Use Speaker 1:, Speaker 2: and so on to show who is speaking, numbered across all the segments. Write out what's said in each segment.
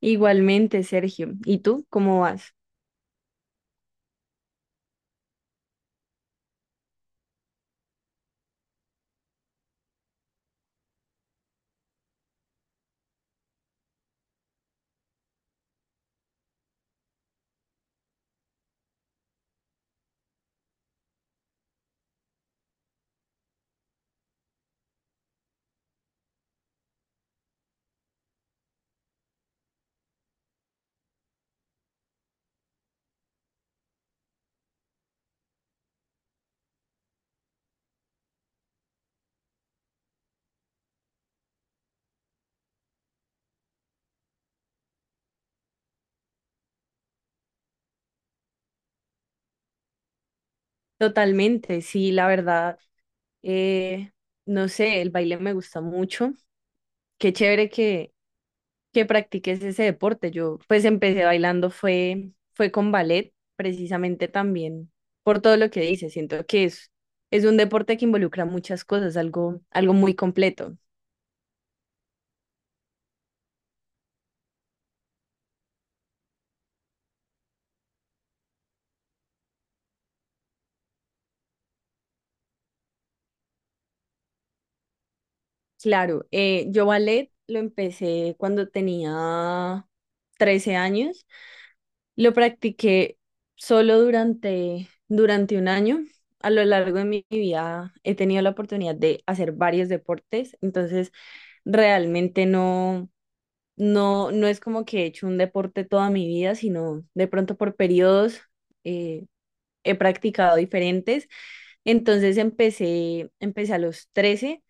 Speaker 1: Igualmente, Sergio. ¿Y tú cómo vas? Totalmente, sí, la verdad. eh, no sé, el baile me gusta mucho. Qué chévere que practiques ese deporte. Yo pues empecé bailando, fue con ballet, precisamente también por todo lo que dices. Siento que es un deporte que involucra muchas cosas, algo muy completo. Claro, yo ballet lo empecé cuando tenía 13 años. Lo practiqué solo durante un año. A lo largo de mi vida he tenido la oportunidad de hacer varios deportes, entonces realmente no es como que he hecho un deporte toda mi vida, sino de pronto por periodos eh, he practicado diferentes. Entonces empecé a los 13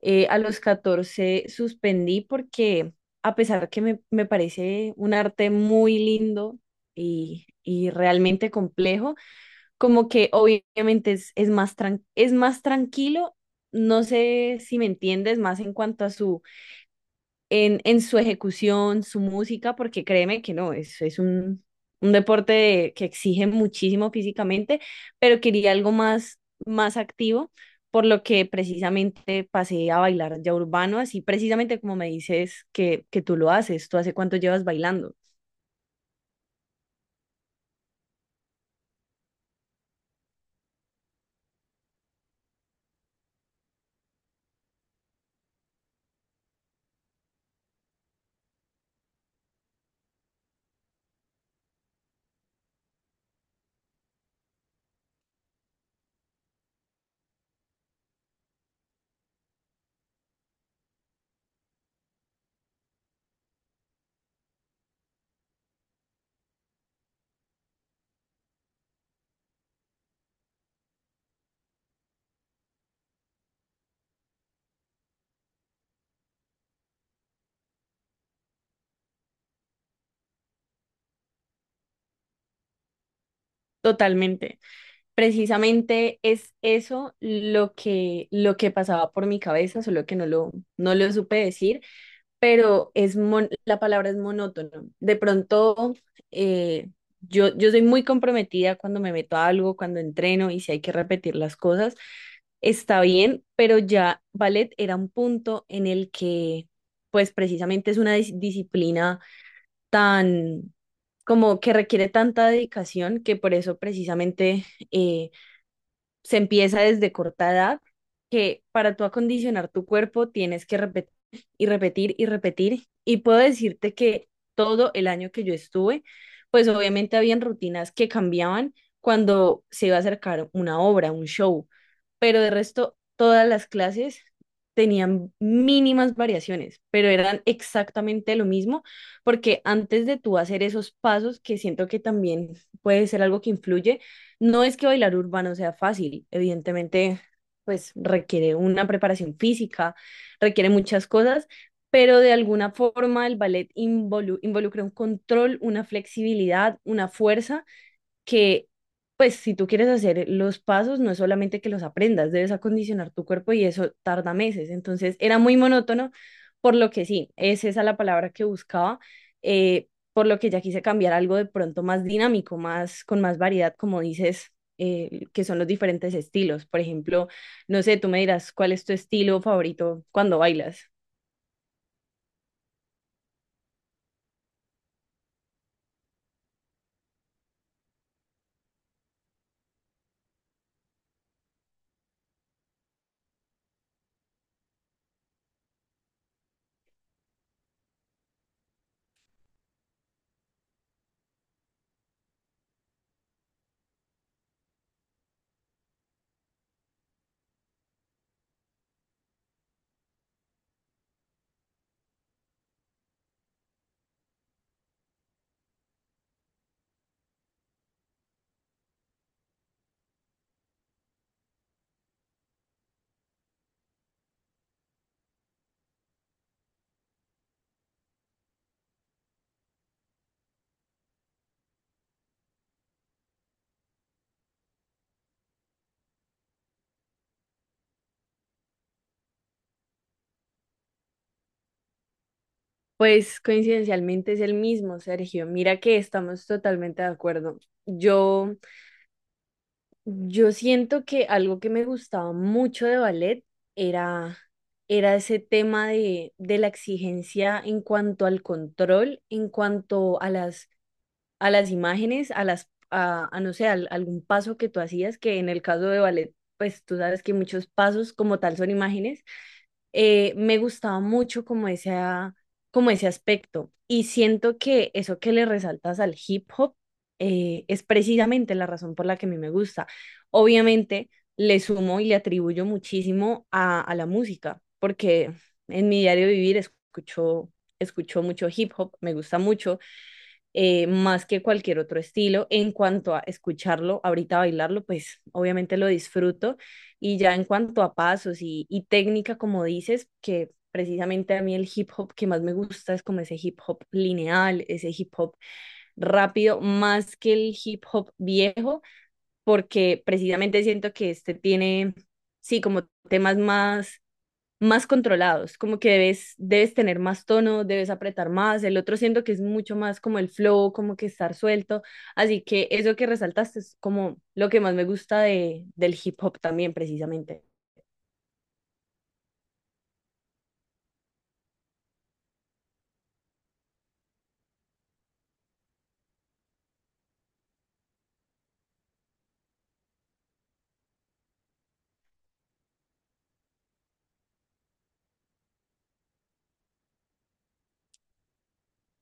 Speaker 1: a los 14 suspendí porque a pesar que me parece un arte muy lindo y realmente complejo, como que obviamente es más tranquilo, no sé si me entiendes, más en cuanto a su en su ejecución, su música, porque créeme que no, es un que exige muchísimo físicamente, pero quería algo más, más activo, por lo que precisamente pasé a bailar ya urbano, así precisamente como me dices que tú lo haces. ¿Tú hace cuánto llevas bailando? Totalmente. Precisamente es eso lo que pasaba por mi cabeza, solo que no lo supe decir, pero la palabra es monótono. De pronto, eh, yo soy muy comprometida cuando me meto a algo. Cuando entreno y si hay que repetir las cosas, está bien, pero ya ballet era un punto en el que, pues precisamente es una disciplina tan, como que requiere tanta dedicación que por eso precisamente... eh, se empieza desde corta edad, que para tú acondicionar tu cuerpo tienes que repetir y repetir y repetir. Y puedo decirte que todo el año que yo estuve, pues obviamente habían rutinas que cambiaban cuando se iba a acercar una obra, un show, pero de resto todas las clases tenían mínimas variaciones, pero eran exactamente lo mismo, porque antes de tú hacer esos pasos, que siento que también puede ser algo que influye, no es que bailar urbano sea fácil, evidentemente, pues requiere una preparación física, requiere muchas cosas, pero de alguna forma el ballet involucra un control, una flexibilidad, una fuerza que, pues, si tú quieres hacer los pasos, no es solamente que los aprendas, debes acondicionar tu cuerpo y eso tarda meses. Entonces, era muy monótono, por lo que sí, es esa la palabra que buscaba, por lo que ya quise cambiar algo de pronto más dinámico, más, con más variedad, como dices. Que son los diferentes estilos. Por ejemplo, no sé, tú me dirás cuál es tu estilo favorito cuando bailas. Pues coincidencialmente es el mismo, Sergio. Mira que estamos totalmente de acuerdo. Yo Yo siento que algo que me gustaba mucho de ballet era, era ese tema de la exigencia, en cuanto al control, en cuanto a las imágenes, a no sé, algún paso que tú hacías, que en el caso de ballet, pues tú sabes que muchos pasos como tal son imágenes. Me gustaba mucho como como ese aspecto. Y siento que eso que le resaltas al hip hop es precisamente la razón por la que a mí me gusta. Obviamente le sumo y le atribuyo muchísimo a la música, porque en mi diario vivir escucho mucho hip hop, me gusta mucho más que cualquier otro estilo. En cuanto a escucharlo, ahorita bailarlo, pues obviamente lo disfruto. Y ya en cuanto a pasos y técnica, como dices, que precisamente a mí el hip hop que más me gusta es como ese hip hop lineal, ese hip hop rápido, más que el hip hop viejo, porque precisamente siento que este tiene, sí, como temas más controlados, como que debes tener más tono, debes apretar más. El otro siento que es mucho más como el flow, como que estar suelto, así que eso que resaltaste es como lo que más me gusta del hip hop también precisamente.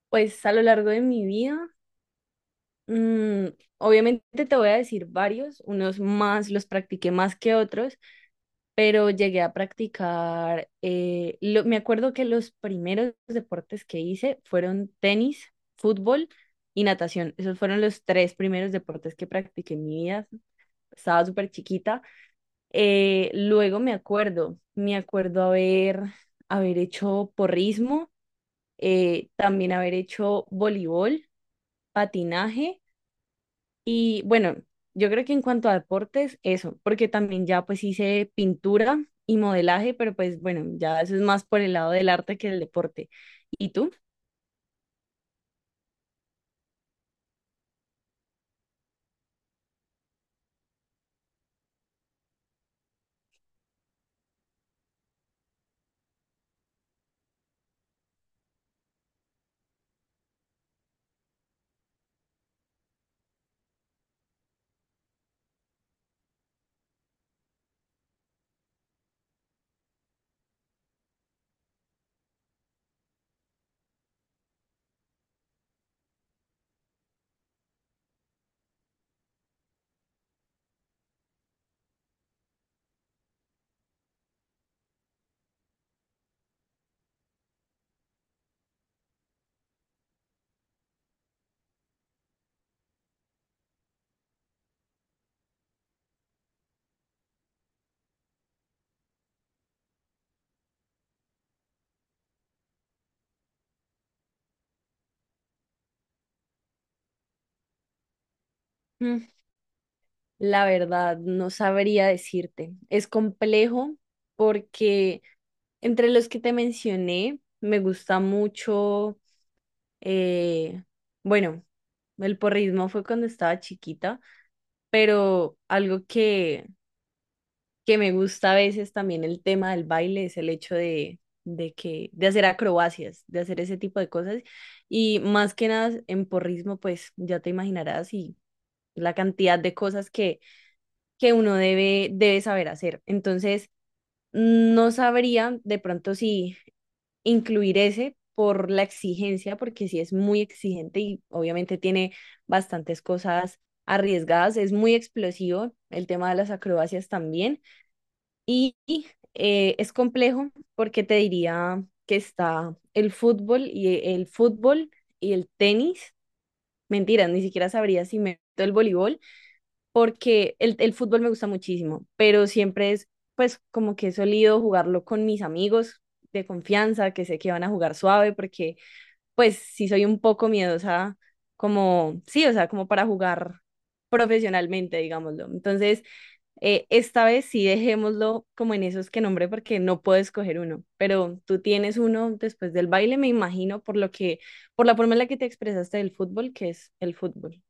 Speaker 1: Pues a lo largo de mi vida, mm, obviamente te voy a decir varios, unos más los practiqué más que otros, pero llegué a practicar. Me acuerdo que los primeros deportes que hice fueron tenis, fútbol y natación. Esos fueron los tres primeros deportes que practiqué en mi vida. Estaba súper chiquita. Luego me acuerdo haber hecho porrismo, también haber hecho voleibol, patinaje y bueno, yo creo que en cuanto a deportes, eso, porque también ya pues hice pintura y modelaje, pero pues bueno, ya eso es más por el lado del arte que del deporte. ¿Y tú? Mm, La verdad, no sabría decirte. Es complejo porque entre los que te mencioné, me gusta mucho, eh, bueno, el porrismo fue cuando estaba chiquita, pero algo que me gusta a veces también el tema del baile es el hecho de hacer acrobacias, de hacer ese tipo de cosas. Y más que nada en porrismo, pues ya te imaginarás y la cantidad de cosas que uno debe saber hacer. Entonces, no sabría de pronto si incluir ese por la exigencia, porque sí es muy exigente y obviamente tiene bastantes cosas arriesgadas. Es muy explosivo el tema de las acrobacias también, y es complejo porque te diría que está el fútbol y el tenis. Mentira, ni siquiera sabría si meto el voleibol, porque el fútbol me gusta muchísimo, pero siempre es, pues, como que he solido jugarlo con mis amigos de confianza, que sé que van a jugar suave, porque pues sí soy un poco miedosa, como, sí, o sea, como para jugar profesionalmente, digámoslo. Entonces, esta vez sí dejémoslo como en esos que nombré, porque no puedo escoger uno, pero tú tienes uno después del baile, me imagino, por lo que, por la forma en la que te expresaste del fútbol, que es el fútbol.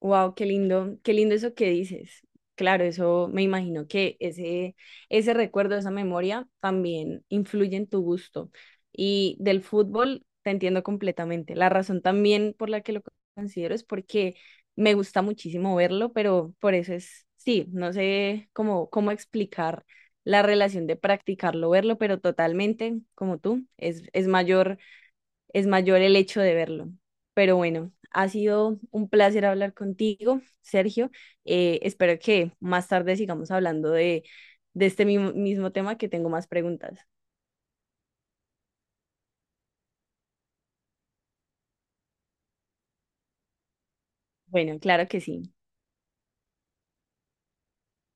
Speaker 1: Wow, qué lindo eso que dices. Claro, eso me imagino que ese recuerdo, esa memoria también influye en tu gusto. Y del fútbol te entiendo completamente. La razón también por la que lo considero es porque me gusta muchísimo verlo, pero por eso es, sí, no sé cómo explicar la relación de practicarlo, verlo, pero totalmente, como tú, es mayor el hecho de verlo. Pero bueno, ha sido un placer hablar contigo, Sergio. Espero que más tarde sigamos hablando de este mismo tema, que tengo más preguntas. Bueno, claro que sí.